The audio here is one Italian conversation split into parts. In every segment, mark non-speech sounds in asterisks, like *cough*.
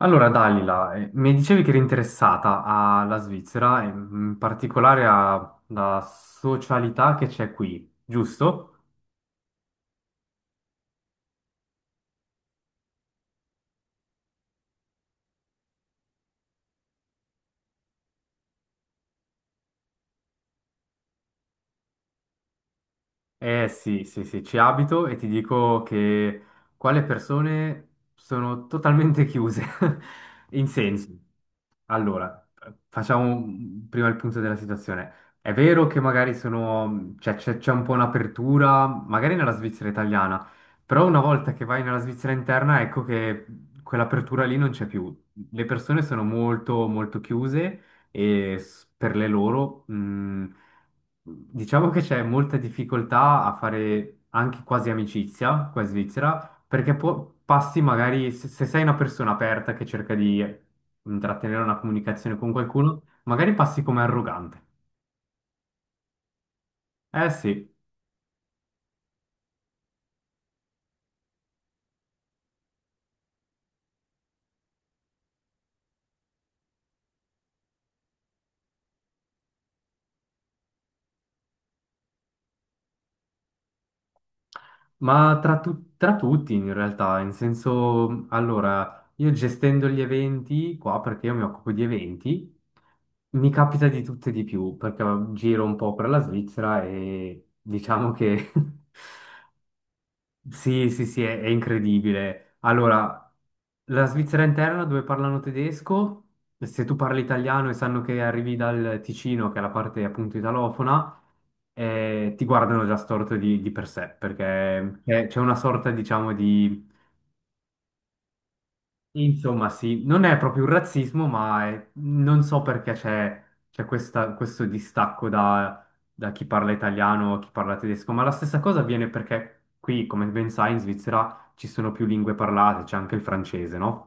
Allora, Dalila, mi dicevi che eri interessata alla Svizzera, in particolare alla socialità che c'è qui, giusto? Eh sì, sì, sì, ci abito e ti dico che qua le persone sono totalmente chiuse, *laughs* in senso. Allora, facciamo prima il punto della situazione. È vero che magari sono, cioè, c'è un po' un'apertura, magari nella Svizzera italiana, però una volta che vai nella Svizzera interna, ecco che quell'apertura lì non c'è più. Le persone sono molto, molto chiuse e per le loro, diciamo che c'è molta difficoltà a fare anche quasi amicizia qua in Svizzera, perché passi magari, se sei una persona aperta che cerca di intrattenere una comunicazione con qualcuno, magari passi come arrogante. Eh sì. Ma tra tutti in realtà, in senso, allora, io gestendo gli eventi qua, perché io mi occupo di eventi, mi capita di tutte e di più, perché giro un po' per la Svizzera e diciamo che *laughs* sì, sì, sì, è incredibile. Allora, la Svizzera interna dove parlano tedesco, se tu parli italiano e sanno che arrivi dal Ticino, che è la parte appunto italofona, ti guardano già storto di per sé, perché c'è una sorta, diciamo, di... Insomma, sì, non è proprio un razzismo, ma non so perché questo distacco da chi parla italiano a chi parla tedesco, ma la stessa cosa avviene perché qui, come ben sai, in Svizzera ci sono più lingue parlate, c'è anche il francese, no?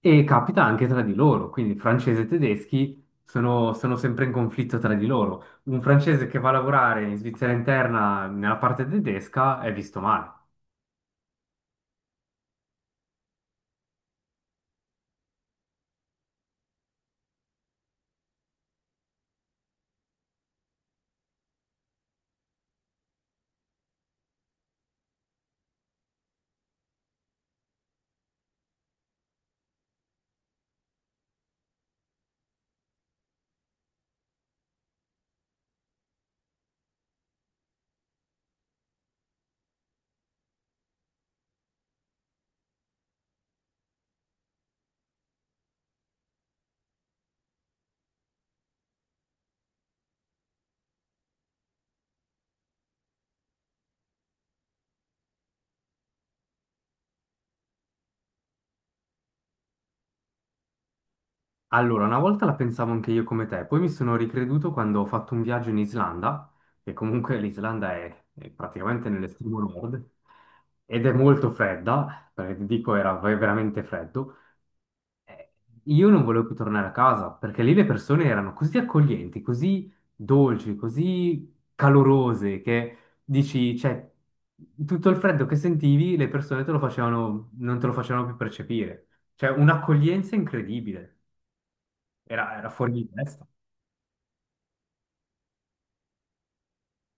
E capita anche tra di loro, quindi francesi e tedeschi sono, sono sempre in conflitto tra di loro. Un francese che va a lavorare in Svizzera interna nella parte tedesca è visto male. Allora, una volta la pensavo anche io come te, poi mi sono ricreduto quando ho fatto un viaggio in Islanda, che comunque *laughs* l'Islanda è praticamente nell'estremo nord ed è molto fredda, perché ti dico era veramente freddo. Eh, Io non volevo più tornare a casa perché lì le persone erano così accoglienti, così dolci, così calorose che dici, cioè, tutto il freddo che sentivi le persone te lo facevano, non te lo facevano più percepire. Cioè, un'accoglienza incredibile, era, era fuori di testa.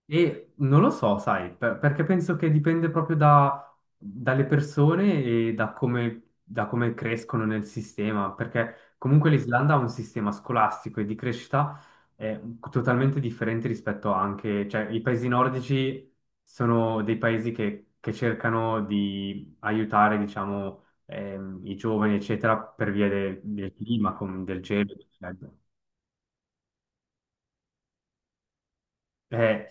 E non lo so, sai, perché penso che dipende proprio dalle persone e da come, da come crescono nel sistema, perché comunque l'Islanda ha un sistema scolastico e di crescita eh, totalmente differente rispetto anche, cioè i paesi nordici sono dei paesi che cercano di aiutare, diciamo, i giovani, eccetera, per via del clima, del gelo, eccetera. Eh,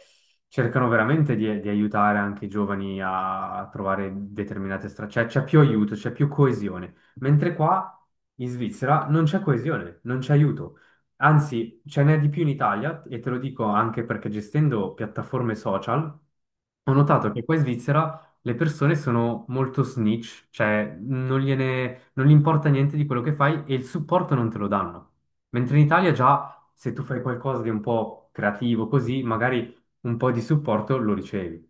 Cercano veramente di aiutare anche i giovani a, a trovare determinate strade, cioè c'è più aiuto, c'è più coesione, mentre qua in Svizzera non c'è coesione, non c'è aiuto, anzi ce n'è di più in Italia e te lo dico anche perché gestendo piattaforme social ho notato che qua in Svizzera le persone sono molto snitch, cioè non gliene, non gli importa niente di quello che fai e il supporto non te lo danno, mentre in Italia già se tu fai qualcosa di un po' creativo così, magari un po' di supporto lo ricevi.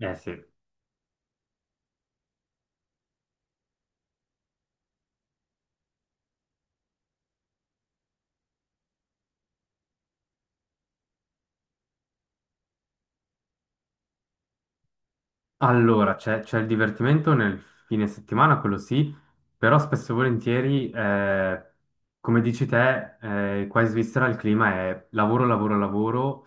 Eh sì. Allora, c'è il divertimento nel fine settimana, quello sì, però spesso e volentieri, come dici te, qua in Svizzera il clima è lavoro, lavoro, lavoro,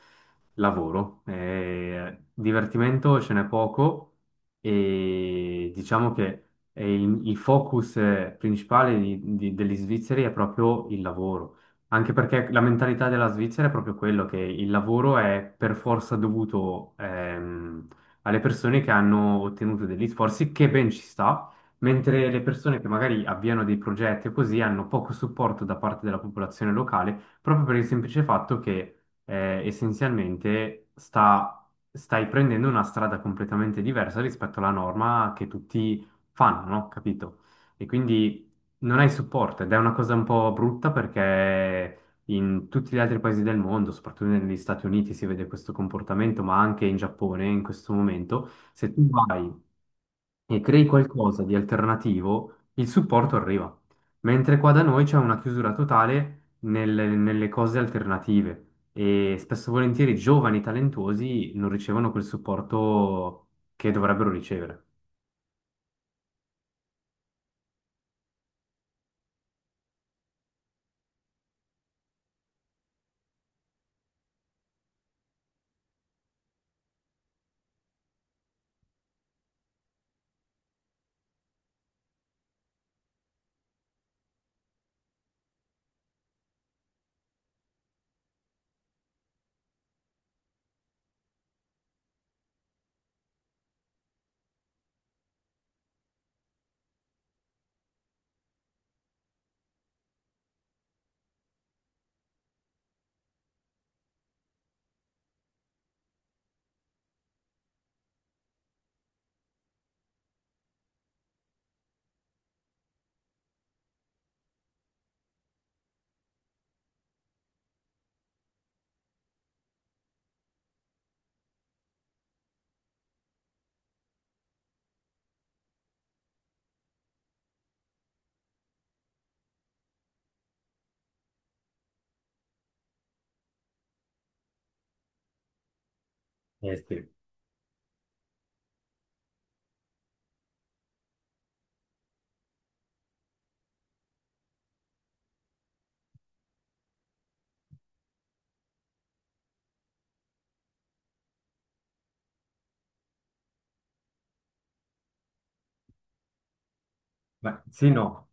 lavoro. Divertimento ce n'è poco e diciamo che è il focus principale degli svizzeri è proprio il lavoro, anche perché la mentalità della Svizzera è proprio quello che il lavoro è per forza dovuto. Alle persone che hanno ottenuto degli sforzi, che ben ci sta, mentre le persone che magari avviano dei progetti o così hanno poco supporto da parte della popolazione locale, proprio per il semplice fatto che essenzialmente stai prendendo una strada completamente diversa rispetto alla norma che tutti fanno, no? Capito? E quindi non hai supporto ed è una cosa un po' brutta perché in tutti gli altri paesi del mondo, soprattutto negli Stati Uniti, si vede questo comportamento, ma anche in Giappone in questo momento, se tu vai e crei qualcosa di alternativo, il supporto arriva. Mentre qua da noi c'è una chiusura totale nelle, nelle cose alternative e spesso e volentieri i giovani talentuosi non ricevono quel supporto che dovrebbero ricevere. Eh sì. Beh, sì, no.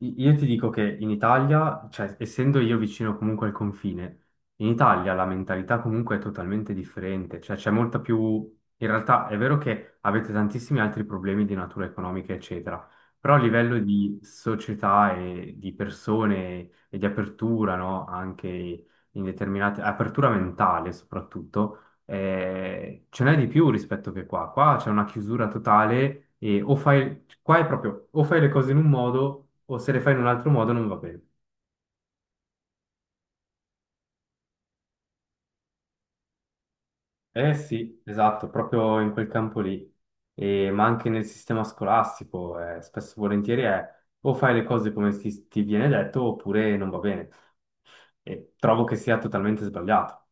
Io ti dico che in Italia, cioè essendo io vicino comunque al confine, in Italia la mentalità comunque è totalmente differente, cioè c'è molta più... In realtà è vero che avete tantissimi altri problemi di natura economica, eccetera, però a livello di società e di persone e di apertura, no? Anche in determinate... apertura mentale soprattutto ce n'è di più rispetto che qua. Qua c'è una chiusura totale e o fai, qua è proprio, o fai le cose in un modo o se le fai in un altro modo non va bene. Eh sì, esatto, proprio in quel campo lì. Ma anche nel sistema scolastico, spesso e volentieri è o fai le cose come ti viene detto oppure non va bene. E trovo che sia totalmente sbagliato.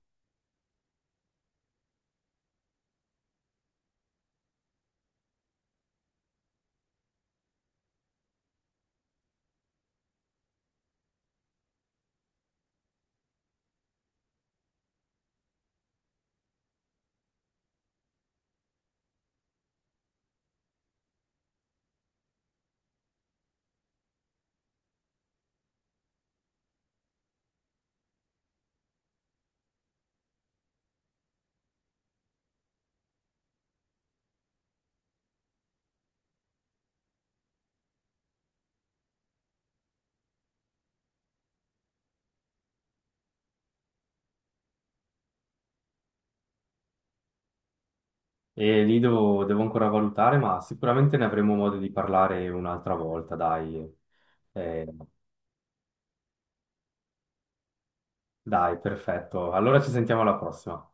E lì devo, devo ancora valutare, ma sicuramente ne avremo modo di parlare un'altra volta, dai. Eh, Dai, perfetto. Allora ci sentiamo alla prossima.